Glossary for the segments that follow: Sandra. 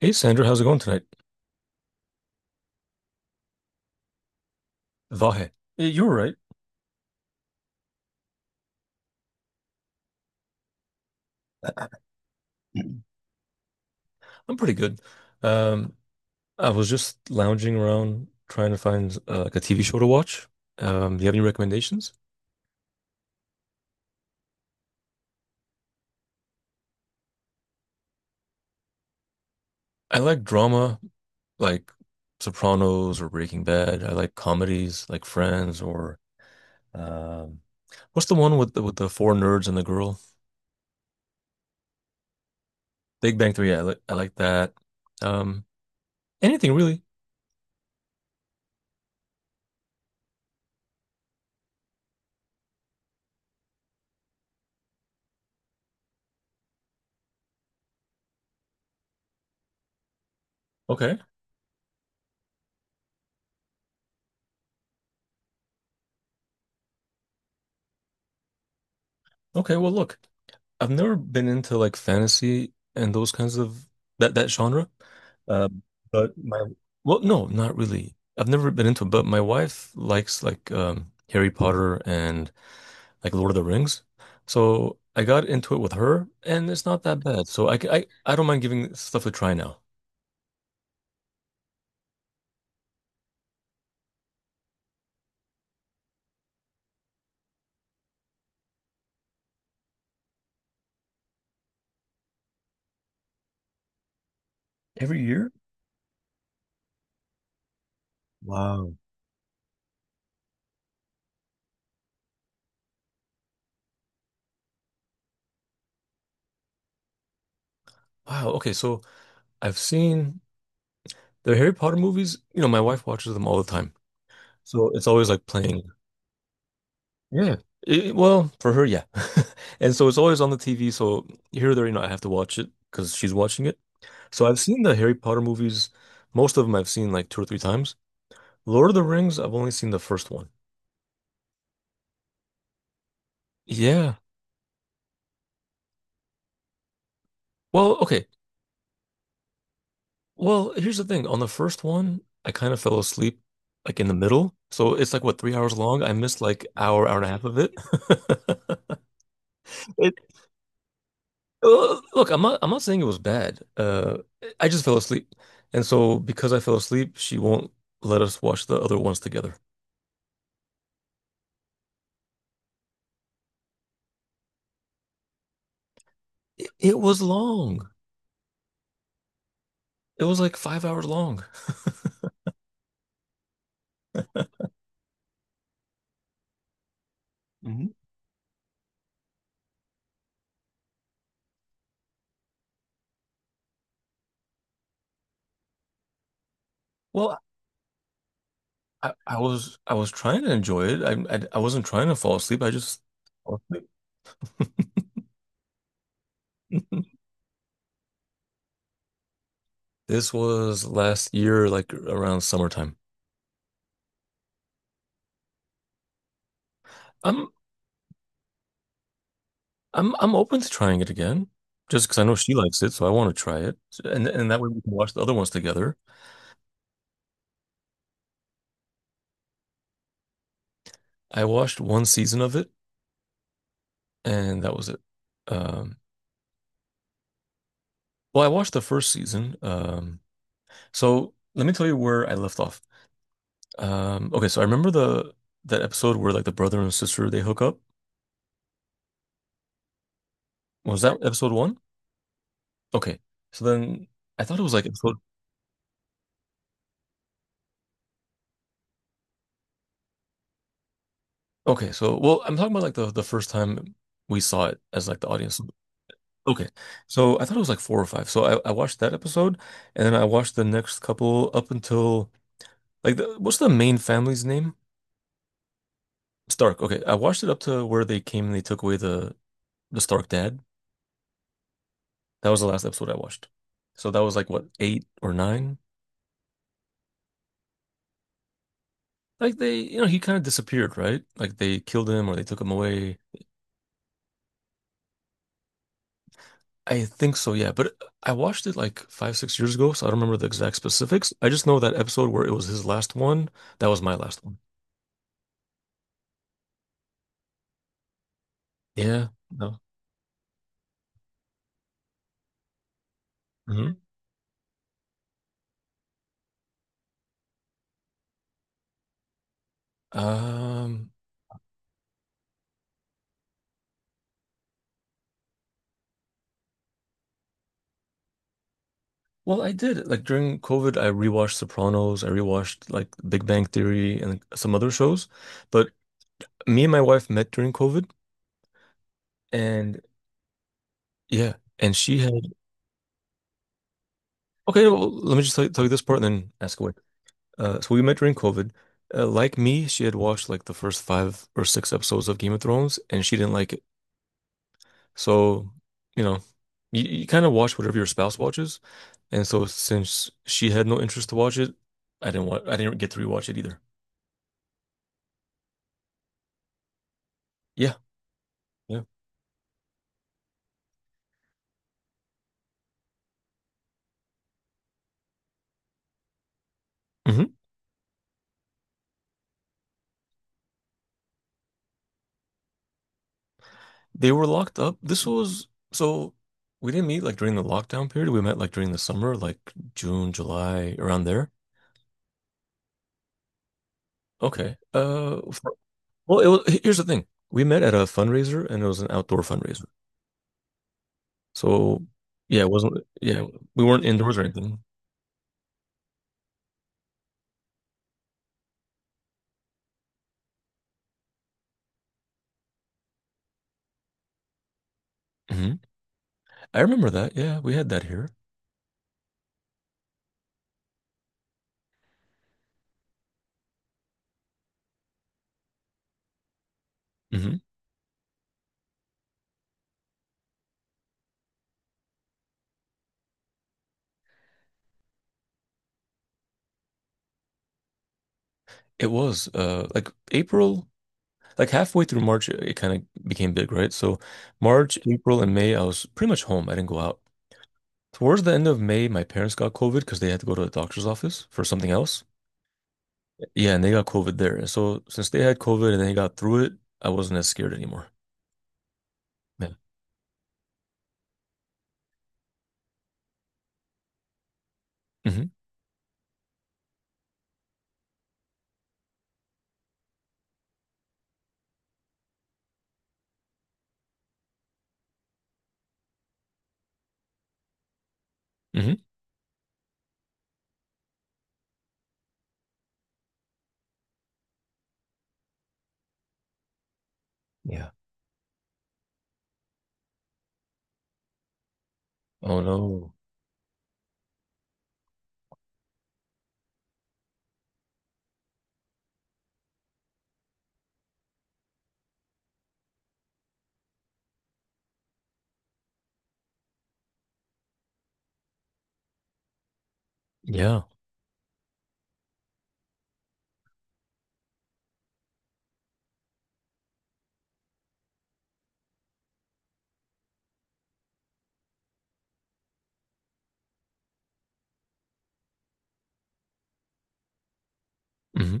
Hey Sandra, how's it going tonight? Vahe. Eh, you were right. I'm pretty good. Um, I was just lounging around trying to find like a TV show to watch. Do you have any recommendations? I like drama, like Sopranos or Breaking Bad. I like comedies, like Friends or um, what's the one with the four nerds and the girl? Big Bang Theory. I like that. Um, anything really? Okay. Okay. Well, look. I've never been into like fantasy and those kinds of that genre. Uh, but my well, no, not really. I've never been into it, but my wife likes like Harry Potter and like Lord of the Rings, so I got into it with her, and it's not that bad. So I don't mind giving stuff a try now. Every year? Wow. Wow. Okay, so I've seen the Harry Potter movies. You know, my wife watches them all the time, so it's always like playing. Yeah. It- well, for her, yeah. And so it's always on the TV. So here or there, you know, I have to watch it because she's watching it. So I've seen the Harry Potter movies. Most of them I've seen like 2 or 3 times. Lord of the Rings, I've only seen the first one. Yeah. Well, okay. Well, here's the thing. On the first one, I kind of fell asleep like in the middle. So it's like what, 3 hours long? I missed like hour, hour and a half of it. It Look, I'm not saying it was bad. I just fell asleep. And so because I fell asleep, she won't let us watch the other ones together. It was long. It was like 5 hours long. Mhm. Well, I was trying to enjoy it. I wasn't trying to fall asleep. I just fell asleep. This was last year, like around summertime. I'm I'm open to trying it again, just because I know she likes it, so I want to try it, and that way we can watch the other ones together. I watched one season of it. And that was it. Um, well, I watched the first season. So let me tell you where I left off. Okay, so I remember the that episode where like the brother and sister they hook up. Was that episode one? Okay, so then I thought it was like episode. Okay, so well, I'm talking about like the first time we saw it as like the audience. Okay, so I thought it was like four or five. So I watched that episode, and then I watched the next couple up until like the, what's the main family's name? Stark. Okay, I watched it up to where they came and they took away the Stark Dad. That was the last episode I watched. So that was like what, eight or nine? Like they, you know, he kind of disappeared, right? Like they killed him or they took him away. I think so, yeah. But I watched it like 5, 6 years ago, so I don't remember the exact specifics. I just know that episode where it was his last one. That was my last one. Yeah. No. Hmm. Um, well, I did. Like during COVID, I rewatched Sopranos, I rewatched like Big Bang Theory and some other shows. But me and my wife met during COVID and yeah, and she had okay, well, let me just tell you this part and then ask away. So we met during COVID. Like me, she had watched like the first 5 or 6 episodes of Game of Thrones, and she didn't like it. So, you know, you kind of watch whatever your spouse watches, and so since she had no interest to watch it, I didn't get to rewatch it either. Yeah, yeah. Hmm. They were locked up. This was so we didn't meet like during the lockdown period. We met like during the summer, like June, July, around there. Okay. Well, it was, here's the thing. We met at a fundraiser and it was an outdoor fundraiser. So, yeah, it wasn't, yeah, we weren't indoors or anything. Hmm. I remember that. Yeah, we had that here. Hmm. It was like April, like halfway through March, it kind of became big, right? So, March, April, and May, I was pretty much home. I didn't go out. Towards the end of May, my parents got COVID because they had to go to the doctor's office for something else. Yeah, and they got COVID there. And so, since they had COVID and they got through it, I wasn't as scared anymore. Yeah. Hmm. Hmm. Oh no. Yeah. Hmm.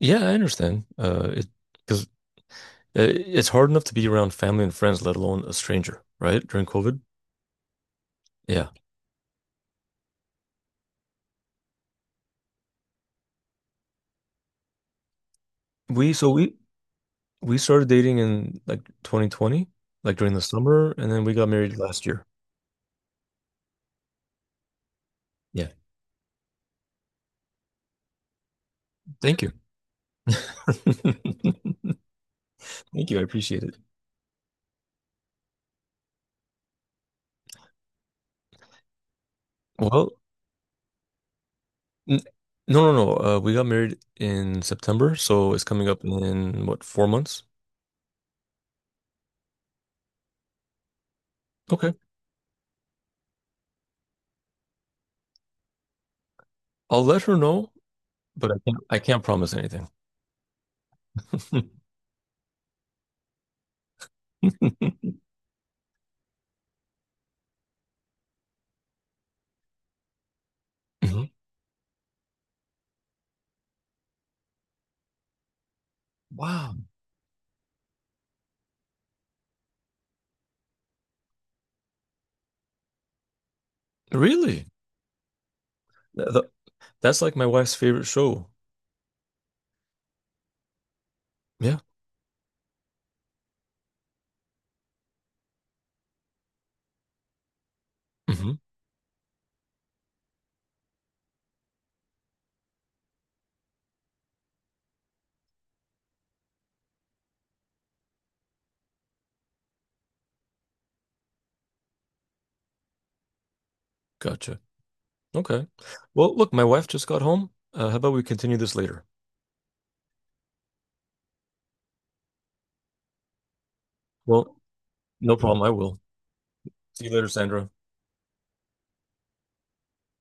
Yeah, I understand. It because it's hard enough to be around family and friends, let alone a stranger, right? During COVID. Yeah. We so we started dating in like 2020, like during the summer, and then we got married last year. Yeah. Thank you. Thank you. I appreciate it. Well, n No, no, no. We got married in September, so it's coming up in what, 4 months? Okay. I'll let her know, but I can't promise anything. Mhm. Wow, really? Th- th- that's like my wife's favorite show. Yeah. Hmm. Gotcha. Okay. Well, look, my wife just got home. How about we continue this later? Well, no problem. I will. See you later, Sandra.